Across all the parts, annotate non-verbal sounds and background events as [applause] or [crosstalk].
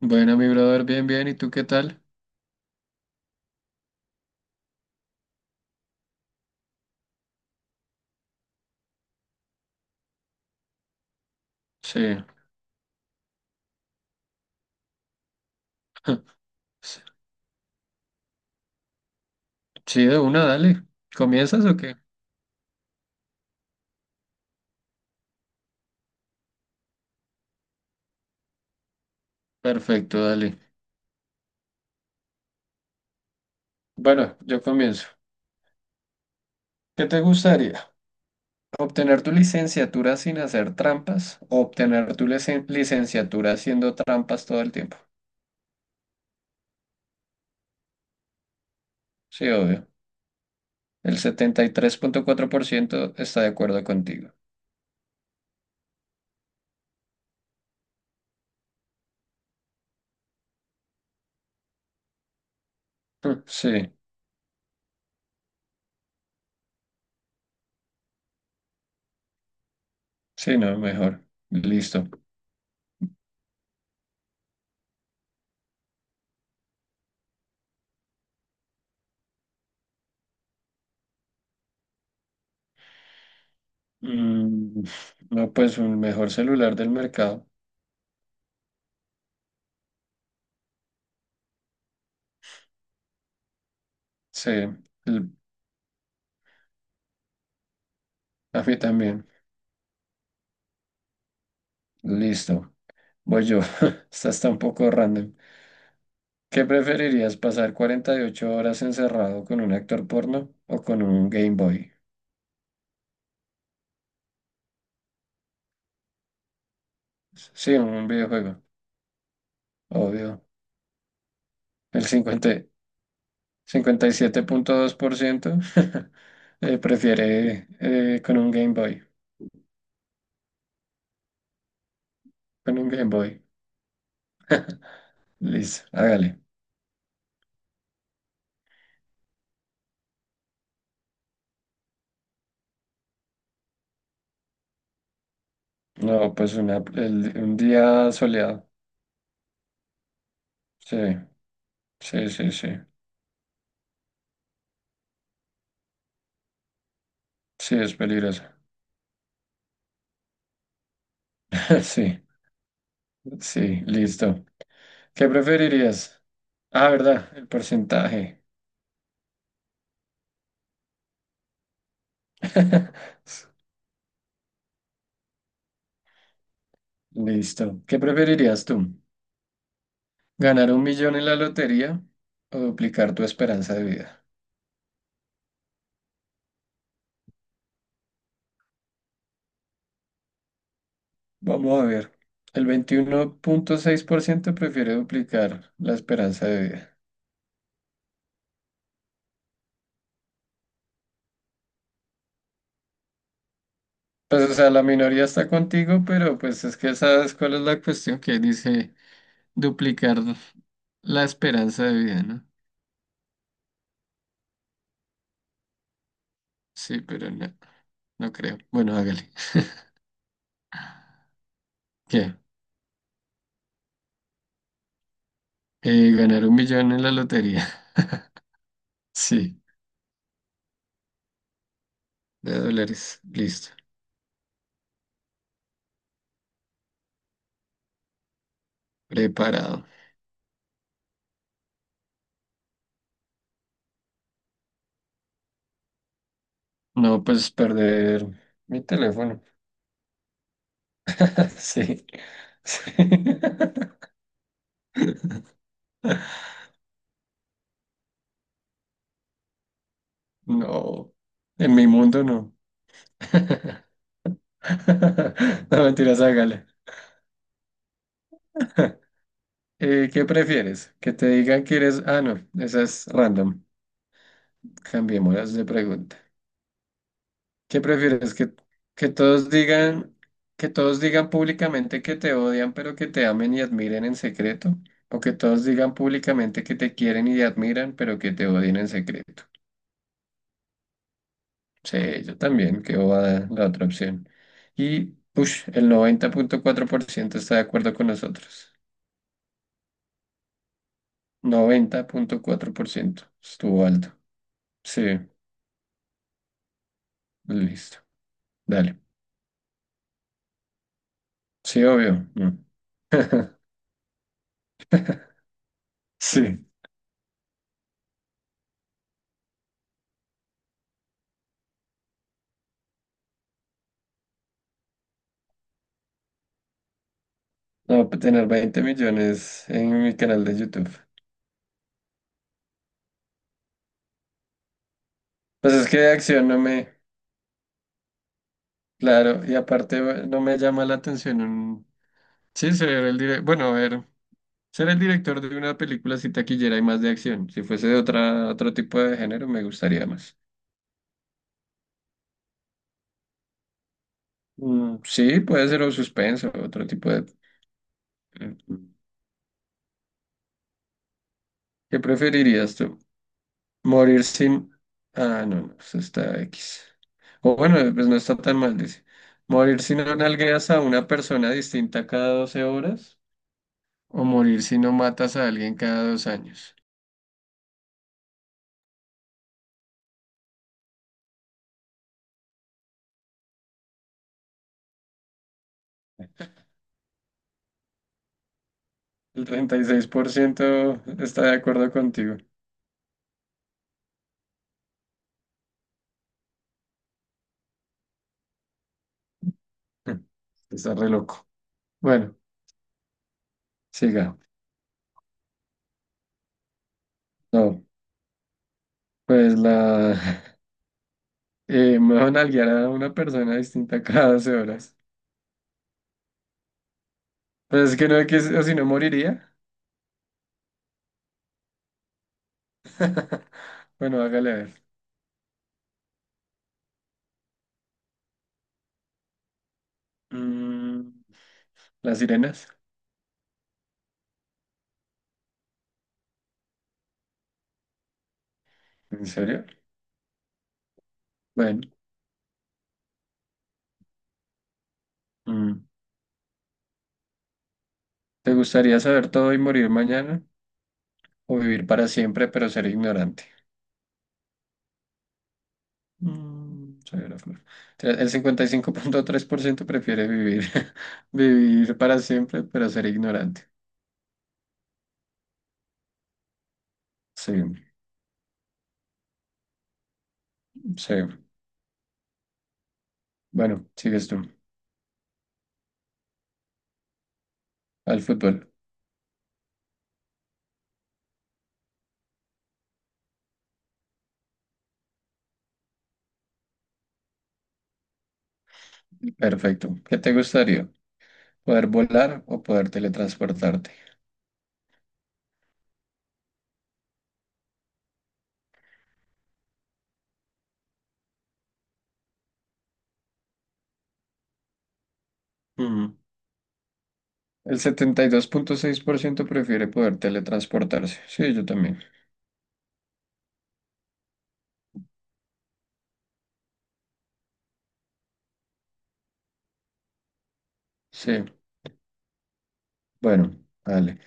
Bueno, mi brother, bien, bien. ¿Y tú qué tal? Sí. [laughs] Sí, de una, dale. ¿Comienzas o qué? Perfecto, dale. Bueno, yo comienzo. ¿Qué te gustaría? ¿Obtener tu licenciatura sin hacer trampas o obtener tu licenciatura haciendo trampas todo el tiempo? Sí, obvio. El 73.4% está de acuerdo contigo. [laughs] Sí, sí, no, mejor. Listo. Mm, no, pues un mejor celular del mercado. Sí, l- a mí también. Listo, voy yo. [laughs] Esta está un poco random. ¿Qué preferirías, pasar 48 horas encerrado con un actor porno o con un Game Boy? Sí, un videojuego, obvio. El 50 57.2%, [laughs] prefiere, con un Game Boy. Con un Game Boy. Listo, hágale. No, pues una, un día soleado. Sí, sí, sí, sí. Sí, es peligroso. [laughs] Sí, sí, listo. ¿Qué preferirías? Ah, ¿verdad? El porcentaje. [laughs] Listo. ¿Qué preferirías tú? ¿Ganar un millón en la lotería o duplicar tu esperanza de vida? Vamos a ver. El 21.6% prefiere duplicar la esperanza de vida. Pues, o sea, la minoría está contigo, pero pues es que sabes cuál es la cuestión que dice duplicar la esperanza de vida, ¿no? Sí, pero no, no creo. Bueno, hágale. ¿Qué? Ganar un millón en la lotería. [laughs] Sí. De dólares. Listo. Preparado. No, pues perder mi teléfono. [laughs] Sí. Sí. [laughs] No. En mi mundo no. [laughs] No, mentiras, hágale. [laughs] ¿Qué prefieres? ¿Que te digan que eres... Ah, no, esa es random. Cambiémoslas de pregunta. ¿Qué prefieres? ¿Que todos digan, que todos digan públicamente que te odian, pero que te amen y admiren en secreto? ¿O que todos digan públicamente que te quieren y te admiran, pero que te odien en secreto? Sí, yo también, que va la otra opción. Y, push, el 90.4% está de acuerdo con nosotros. 90.4% estuvo alto. Sí, listo. Dale. Sí, obvio. Mm. [laughs] Sí. No, tener 20 millones en mi canal de YouTube. Pues es que de acción no me, claro, y aparte no me llama la atención un, sí, ser el bueno, a ver, ser el director de una película si taquillera y más de acción. Si fuese de otra, otro tipo de género me gustaría más. Mm, sí, puede ser o suspenso, otro tipo de... eh, ¿Qué preferirías tú? Morir sin... Ah, no, no, eso está X. O bueno, pues no está tan mal, dice. Morir si no nalgueas a una persona distinta cada 12 horas o morir si no matas a alguien cada 2 años. El 36% está de acuerdo contigo. [laughs] Está re loco. Bueno, siga. No, pues la... [laughs] me van a nalguear a una persona distinta cada 12 horas. Pues es que no, que si o si no moriría. [laughs] Bueno, hágale a ver. Mm, ¿las sirenas? ¿En serio? Bueno, mm, ¿te gustaría saber todo y morir mañana? ¿O vivir para siempre pero ser ignorante? Mm, soy una flor. Entonces, el 55.3% prefiere vivir, [laughs] vivir para siempre, pero ser ignorante. Sí, sí. Bueno, sigues tú. Al fútbol. Perfecto. ¿Qué te gustaría? ¿Poder volar o poder teletransportarte? Mm, el 72.6% prefiere poder teletransportarse. Sí, yo también. Sí, bueno, vale.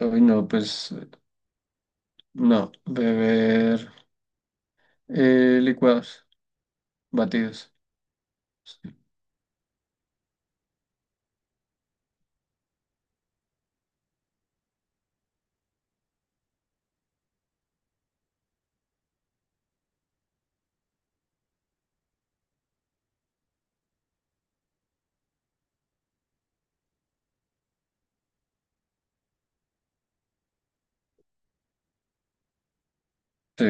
Hoy no, pues no. Beber licuados, batidos. Sí,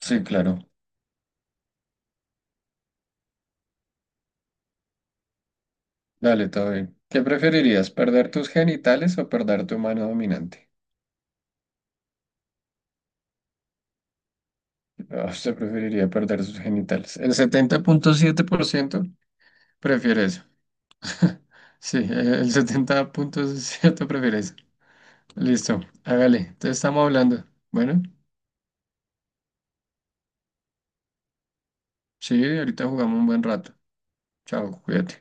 sí, claro. Dale, todo bien. ¿Qué preferirías, perder tus genitales o perder tu mano dominante? Ah, [laughs] usted preferiría perder sus genitales. El 70.7% prefiere eso. [laughs] Sí, el 70.7% prefiere eso. Listo, hágale. Te estamos hablando. Bueno, sí, ahorita jugamos un buen rato. Chao, cuídate.